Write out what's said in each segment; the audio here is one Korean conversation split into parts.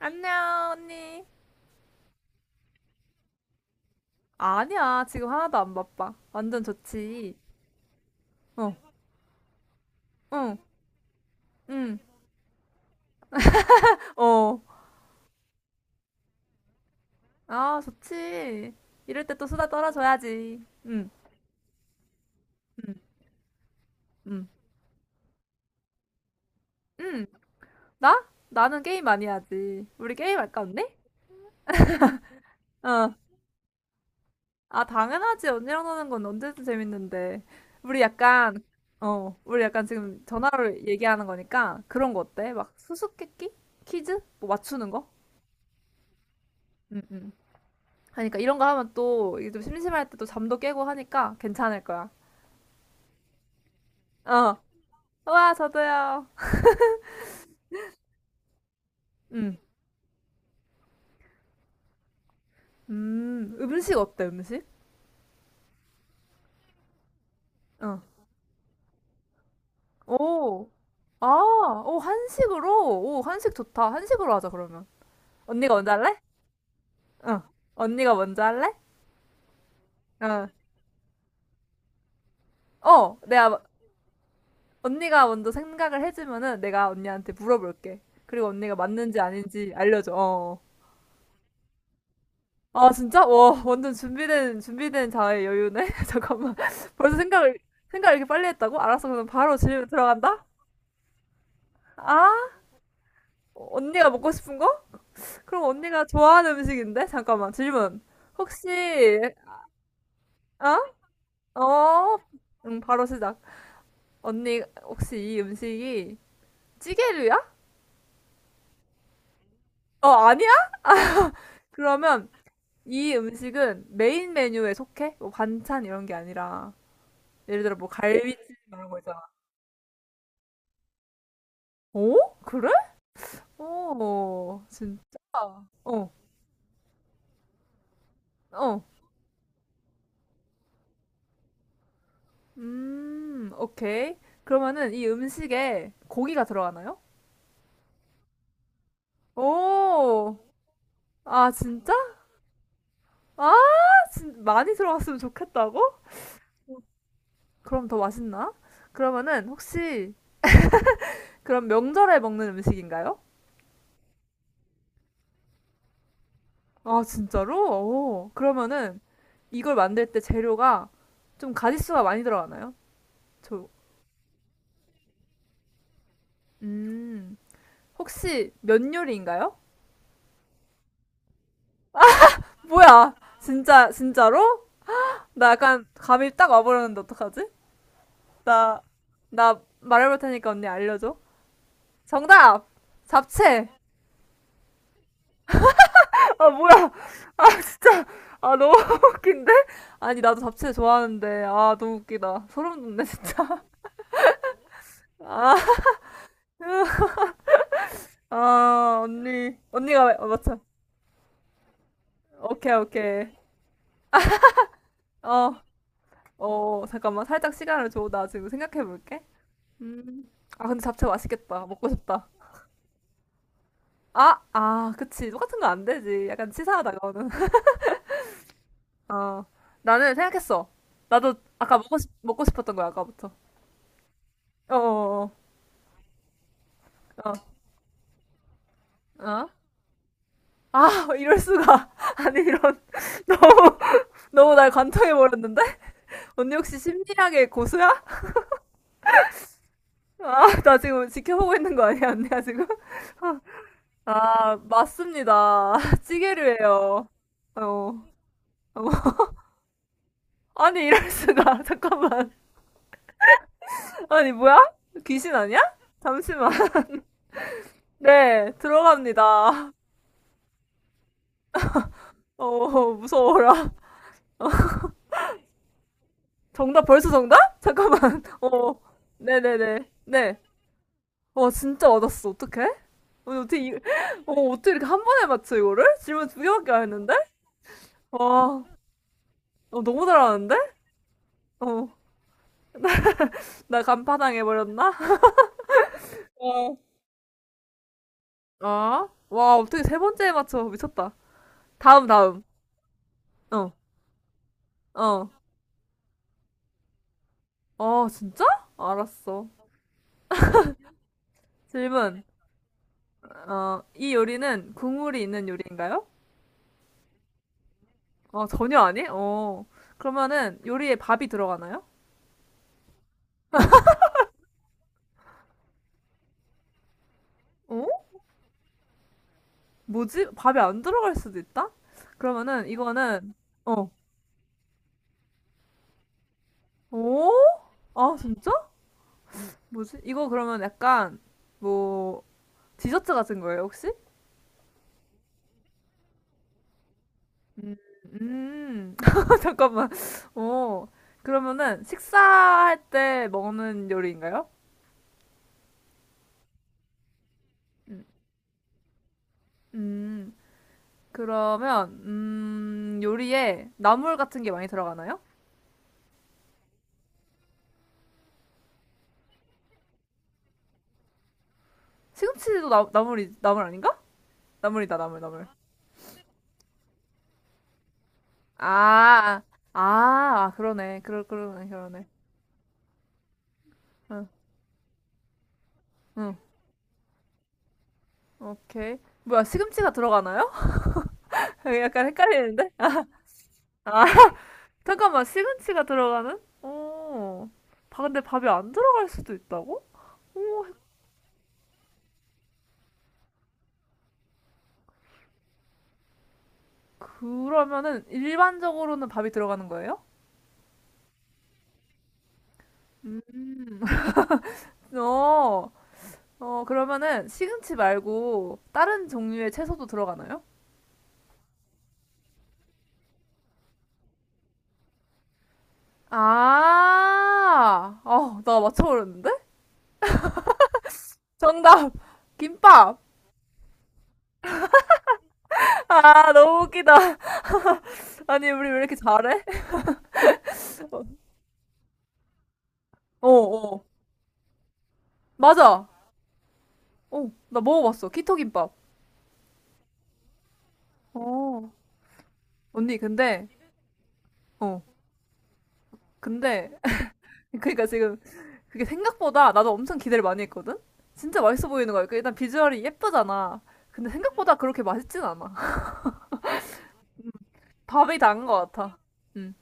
안녕, 언니. 아니야, 지금 하나도 안 바빠. 완전 좋지. 어, 응, 응, 어. 아, 좋지. 이럴 때 또 수다 떨어줘야지. 응, 응, 응. 나? 나는 게임 많이 하지. 우리 게임 할까, 언니? 어. 아, 당연하지. 언니랑 노는 건 언제든 재밌는데. 우리 약간, 우리 약간 지금 전화로 얘기하는 거니까 그런 거 어때? 막 수수께끼? 퀴즈? 뭐 맞추는 거? 응, 응. 하니까 이런 거 하면 또 이게 좀 심심할 때 또 잠도 깨고 하니까 괜찮을 거야. 어. 와, 저도요. 음. 음. 음식 어때, 음식? 어. 오. 아, 오, 한식으로? 오, 한식 좋다. 한식으로 하자, 그러면. 언니가 먼저 할래? 어. 언니가 먼저 할래? 어. 어, 내가, 마- 언니가 먼저 생각을 해주면은 내가 언니한테 물어볼게. 그리고 언니가 맞는지 아닌지 알려줘. 어. 아 진짜? 와 완전 준비된 자의 여유네. 잠깐만. 벌써 생각을 이렇게 빨리 했다고? 알았어. 그럼 바로 질문 들어간다. 아 언니가 먹고 싶은 거? 그럼 언니가 좋아하는 음식인데? 잠깐만 질문. 혹시 어? 어? 응 바로 시작. 언니 혹시 이 음식이 찌개류야? 어 아니야? 그러면 이 음식은 메인 메뉴에 속해? 뭐 반찬 이런 게 아니라 예를 들어 뭐 갈비찜 이런 거 있잖아. 오? 그래? 오, 진짜? 어, 어. 오케이. 그러면은 이 음식에 고기가 들어가나요? 오, 아, 진짜? 아, 많이 들어갔으면 좋겠다고? 그럼 더 맛있나? 그러면은 혹시 그럼 명절에 먹는 음식인가요? 아, 진짜로? 오, 그러면은 이걸 만들 때 재료가 좀 가짓수가 많이 들어가나요? 저, 음, 혹시 면 요리인가요? 뭐야, 진짜, 진짜로? 나 약간 감이 딱 와버렸는데 어떡하지? 나, 나 말해볼 테니까 언니 알려줘. 정답! 잡채! 아, 뭐야. 아, 아, 너무 웃긴데? 아니, 나도 잡채 좋아하는데. 아, 너무 웃기다. 소름 돋네, 진짜. 아, 아, 언니. 언니가, 맞춰. 오케이, 오케이. 어, 어, 잠깐만. 살짝 시간을 줘. 나 지금 생각해볼게. 아, 근데 잡채 맛있겠다. 먹고 싶다. 아, 그치. 똑같은 거 안 되지. 약간 치사하다, 그거는. 어, 나는 생각했어. 나도 아까 먹고 싶었던 거야, 아까부터. 어어어. 어, 어. 어? 아, 이럴 수가. 아니, 이런. 너무, 너무 날 관통해버렸는데? 언니 혹시 심리학의 고수야? 아, 나 지금 지켜보고 있는 거 아니야, 언니야, 지금? 아, 맞습니다. 찌개를 해요. 어, 어. 아니, 이럴 수가. 잠깐만. 아니, 뭐야? 귀신 아니야? 잠시만. 네, 들어갑니다. 어, 무서워라. 어. 정답 벌써 정답? 잠깐만. 어. 네네네. 네. 와 진짜 맞았어. 어떡해? 아니, 어떻게 이렇게 한 번에 맞춰 이거를? 질문 두 개밖에 안 했는데? 와. 어, 너무 잘하는데? 어. 나 간파당 해버렸나? 어. 아. 와 어떻게 세 번째에 맞춰 미쳤다. 다음 다음. 어. 어. 어 진짜? 알았어. 질문. 어. 이 요리는 국물이 있는 요리인가요? 어 전혀 아니? 어. 그러면은 요리에 밥이 들어가나요? 어? 뭐지? 밥이 안 들어갈 수도 있다? 그러면은 이거는 어. 오? 아, 진짜? 뭐지? 이거 그러면 약간 뭐 디저트 같은 거예요, 혹시? 음. 잠깐만. 어. 그러면은 식사할 때 먹는 요리인가요? 음. 음. 그러면 요리에 나물 같은 게 많이 들어가나요? 시금치도 나물이 나물 아닌가? 나물이다, 나물, 나물. 아. 아, 아, 그러네. 그러네, 그러네. 어. 응, 오케이. 뭐야, 시금치가 들어가나요? 약간 헷갈리는데? 아, 잠깐만, 시금치가 들어가는? 오, 근데 밥이 안 들어갈 수도 있다고? 오, 그러면은 일반적으로는 밥이 들어가는 거예요? 어, 어, 그러면은 시금치 말고 다른 종류의 채소도 들어가나요? 아, 나 맞춰버렸는데? 정답! 김밥! 아, 너무 웃기다. 아니, 우리 왜 이렇게 잘해? 어, 어. 맞아. 어, 나 먹어봤어. 키토김밥. 어. 언니, 어, 근데, 그러니까 지금 그게 생각보다 나도 엄청 기대를 많이 했거든? 진짜 맛있어 보이는 거야. 그 일단 비주얼이 예쁘잖아. 근데 생각보다 그렇게 맛있진 않아. 밥이 단 것 같아. 음,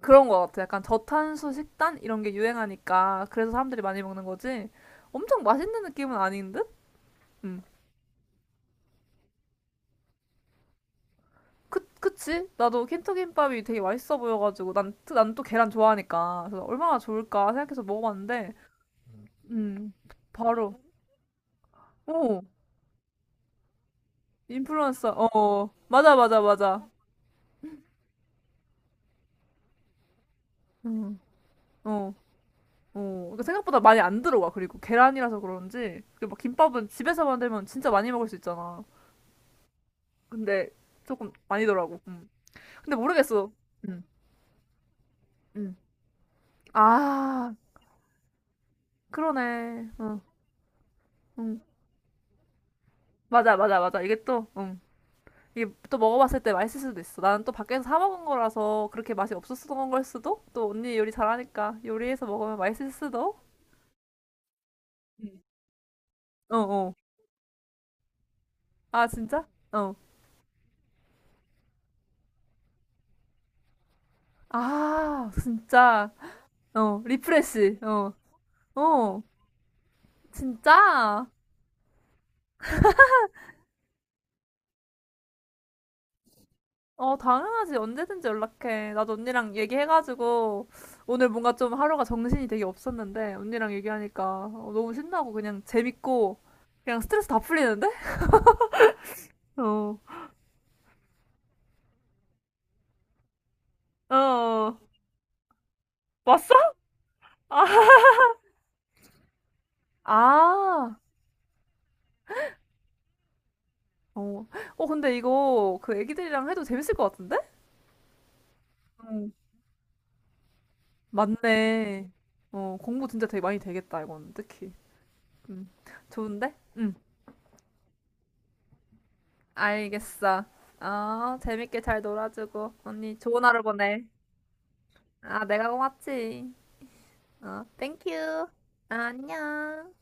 그런 것 같아. 약간 저탄수 식단? 이런 게 유행하니까. 그래서 사람들이 많이 먹는 거지. 엄청 맛있는 느낌은 아닌 듯? 음. 그치? 나도 킨토김밥이 되게 맛있어 보여가지고. 난 또 계란 좋아하니까. 그래서 얼마나 좋을까 생각해서 먹어봤는데. 음, 바로. 어, 인플루언서. 어, 맞아, 맞아, 맞아. 음. 어, 어. 그러니까 생각보다 많이 안 들어와. 그리고 계란이라서 그런지. 그리고 막 김밥은 집에서 만들면 진짜 많이 먹을 수 있잖아. 근데 조금 아니더라고. 음. 근데 모르겠어. 음, 음. 아, 그러네. 응, 응. 맞아, 맞아, 맞아. 이게 또, 응. 이게 또 먹어봤을 때 맛있을 수도 있어. 나는 또 밖에서 사 먹은 거라서 그렇게 맛이 없었던 걸 수도? 또 언니 요리 잘하니까 요리해서 먹으면 맛있을 수도? 어어. 아, 진짜? 어. 아, 진짜. 어, 리프레시. 어. 어, 진짜? 어, 당연하지. 언제든지 연락해. 나도 언니랑 얘기해가지고, 오늘 뭔가 좀 하루가 정신이 되게 없었는데, 언니랑 얘기하니까 너무 신나고, 그냥 재밌고, 그냥 스트레스 다 풀리는데? 어. 어. 왔어? 아. 아. 어. 어, 근데 이거 그 애기들이랑 해도 재밌을 것 같은데? 어. 맞네. 어, 공부 진짜 되게 많이 되겠다, 이건. 특히. 음, 좋은데? 응, 알겠어. 어, 재밌게 잘 놀아주고, 언니 좋은 하루 보내. 아, 내가 고맙지. 어, 땡큐. 안녕.